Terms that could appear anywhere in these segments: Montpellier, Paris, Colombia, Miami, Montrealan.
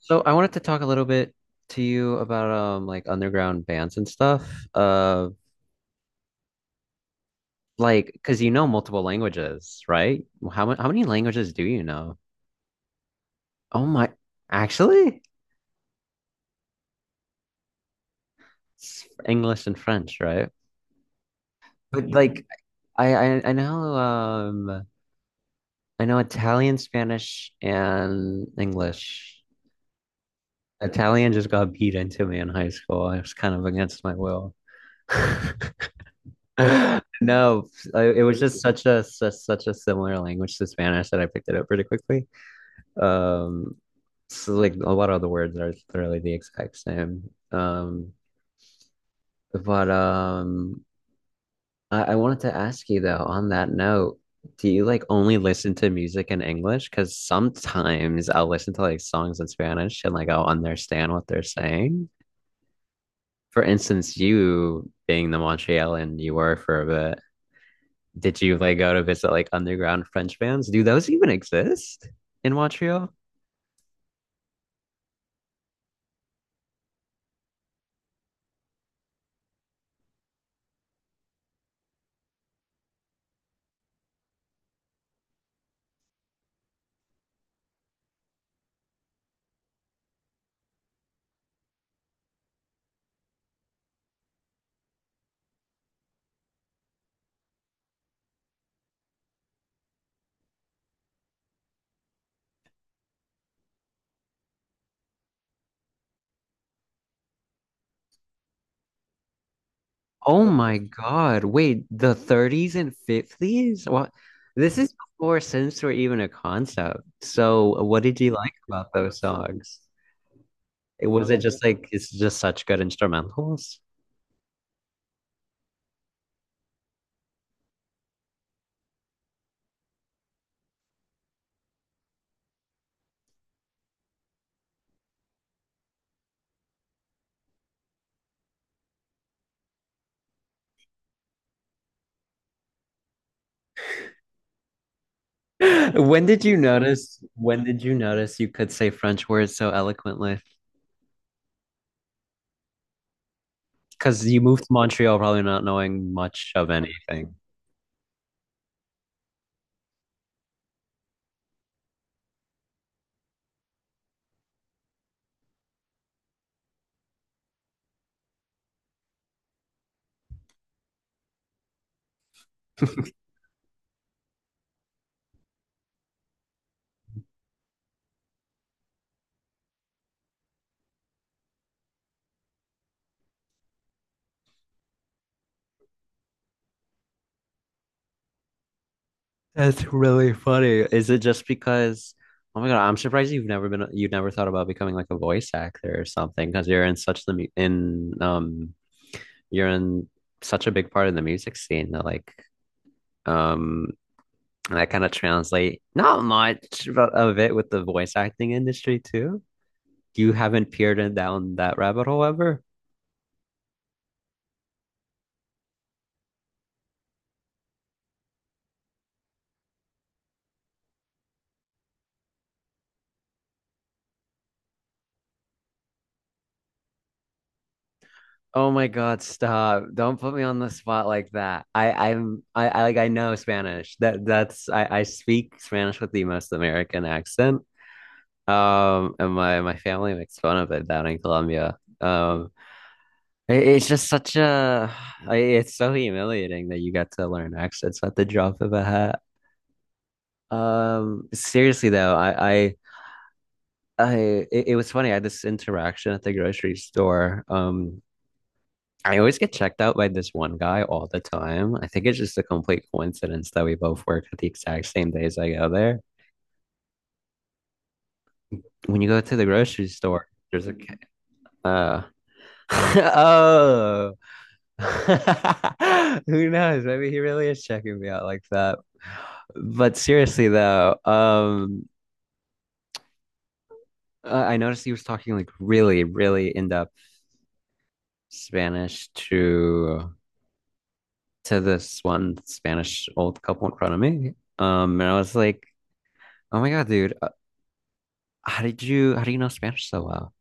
So I wanted to talk a little bit to you about like underground bands and stuff. Uh like because you know multiple languages, right? How many languages do you know? Oh my, actually, it's English and French, right? But yeah, like I know I know Italian, Spanish, and English. Italian just got beat into me in high school. I was kind of against my will. No, it was just such a such a similar language to Spanish that I picked it up pretty quickly. Um, so like a lot of the words are literally the exact same. But I wanted to ask you though, on that note, do you like only listen to music in English? Because sometimes I'll listen to like songs in Spanish and like I'll understand what they're saying. For instance, you being the Montrealan you were for a bit. Did you like go to visit like underground French bands? Do those even exist in Montreal? Oh my God. Wait, the 30s and 50s? What? This is before synths were even a concept. So what did you like about those songs? It was it just like it's just such good instrumentals? When did you notice you could say French words so eloquently? Because you moved to Montreal probably not knowing much of anything. That's really funny. Is it just because, oh my God, I'm surprised you've never been, you've never thought about becoming like a voice actor or something because you're in such a big part of the music scene that like, um, and I kind of translate not much of it with the voice acting industry too. You haven't peered in down that rabbit hole ever? Oh my God, stop. Don't put me on the spot like that. I like I know Spanish. That's I speak Spanish with the most American accent. And my family makes fun of it down in Colombia. It's just such a like, it's so humiliating that you got to learn accents at the drop of a hat. Seriously though, I it was funny. I had this interaction at the grocery store. I always get checked out by this one guy all the time. I think it's just a complete coincidence that we both work at the exact same days I go there. When you go to the grocery store, there's a uh oh who knows? Maybe he really is checking me out like that. But seriously though, I noticed he was talking like really, really in-depth Spanish to this one Spanish old couple in front of me. And I was like, oh my God, dude. How do you know Spanish so well?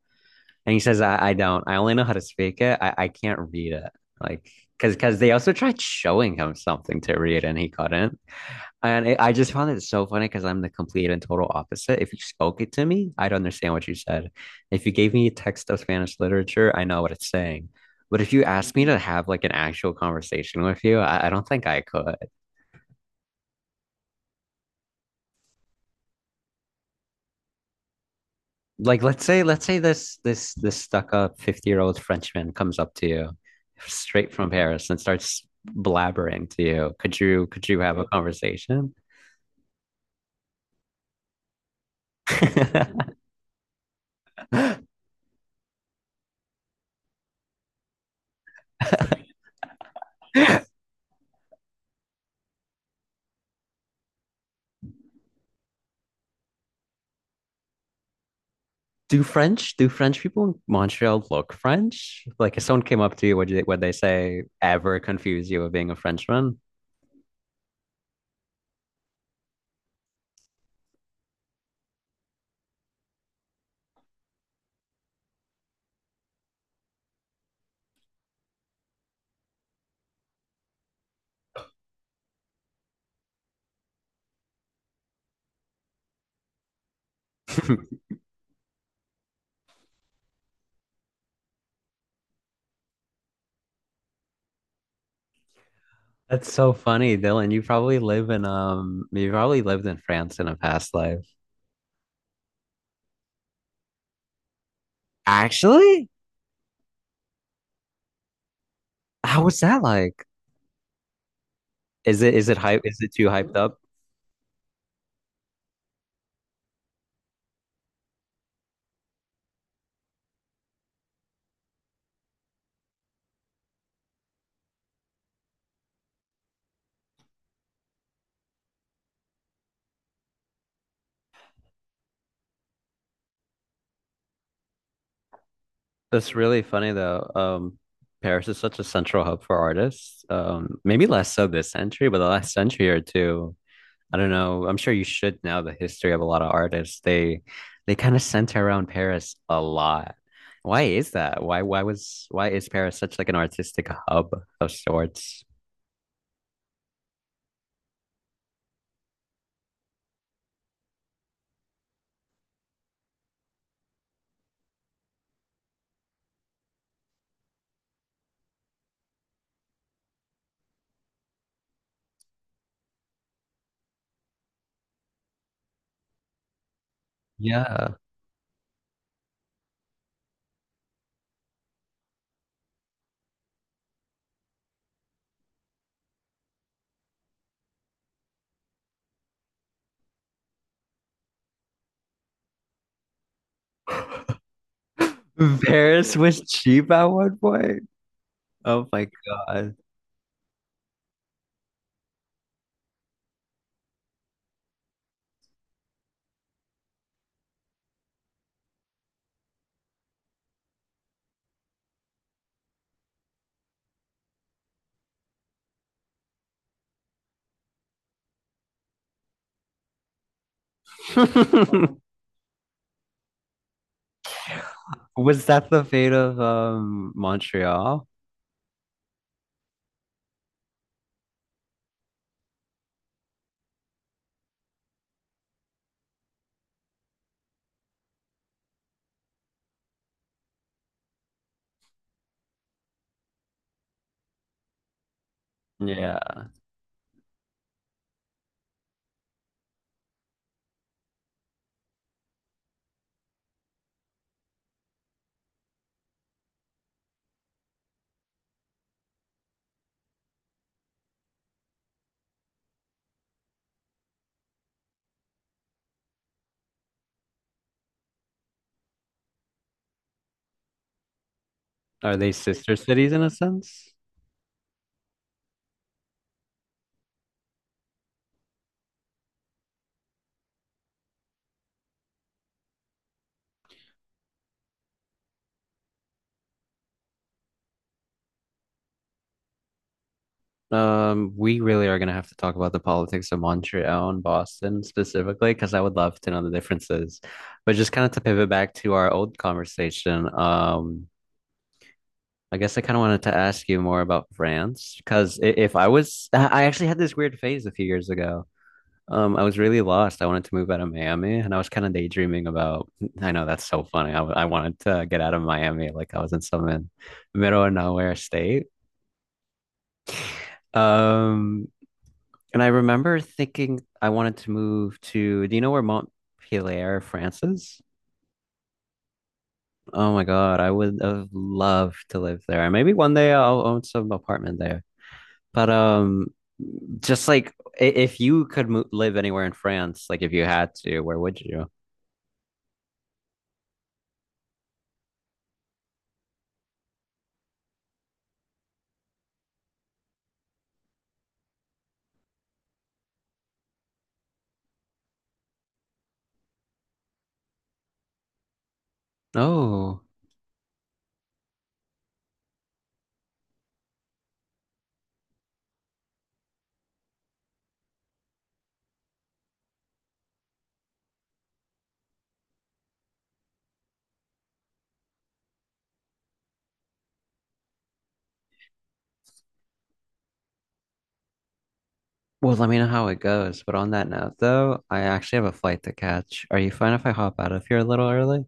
And he says, I don't. I only know how to speak it. I can't read it. Like, cause they also tried showing him something to read and he couldn't. I just found it so funny because I'm the complete and total opposite. If you spoke it to me, I'd understand what you said. If you gave me a text of Spanish literature, I know what it's saying. But if you asked me to have like an actual conversation with you, I don't think I could. Like let's say this stuck up 50-year-old Frenchman comes up to you straight from Paris and starts blabbering to you. Could you have a conversation? Do French people in Montreal look French? Like if someone came up to you, would they say ever confuse you with being a Frenchman? That's so funny, Dylan. You probably lived in France in a past life. Actually? How was that like? Is it too hyped up? That's really funny though. Paris is such a central hub for artists. Maybe less so this century, but the last century or two, I don't know. I'm sure you should know the history of a lot of artists. They kind of center around Paris a lot. Why is that? Why is Paris such like an artistic hub of sorts? Yeah. Paris was cheap at one point. Oh my God. Was that the fate of Montreal? Yeah. Are they sister cities in a sense? We really are gonna have to talk about the politics of Montreal and Boston specifically, because I would love to know the differences. But just kind of to pivot back to our old conversation, I guess I kind of wanted to ask you more about France, because if I was, I actually had this weird phase a few years ago. I was really lost. I wanted to move out of Miami, and I was kind of daydreaming about. I know that's so funny. I wanted to get out of Miami, like I was in some middle of nowhere state. Um, And I remember thinking I wanted to move to, do you know where Montpellier, France is? Oh my God, I would have loved to live there. Maybe one day I'll own some apartment there. But just like If you could mo live anywhere in France, like if you had to, where would you? Oh, well, let me know how it goes. But on that note, though, I actually have a flight to catch. Are you fine if I hop out of here a little early?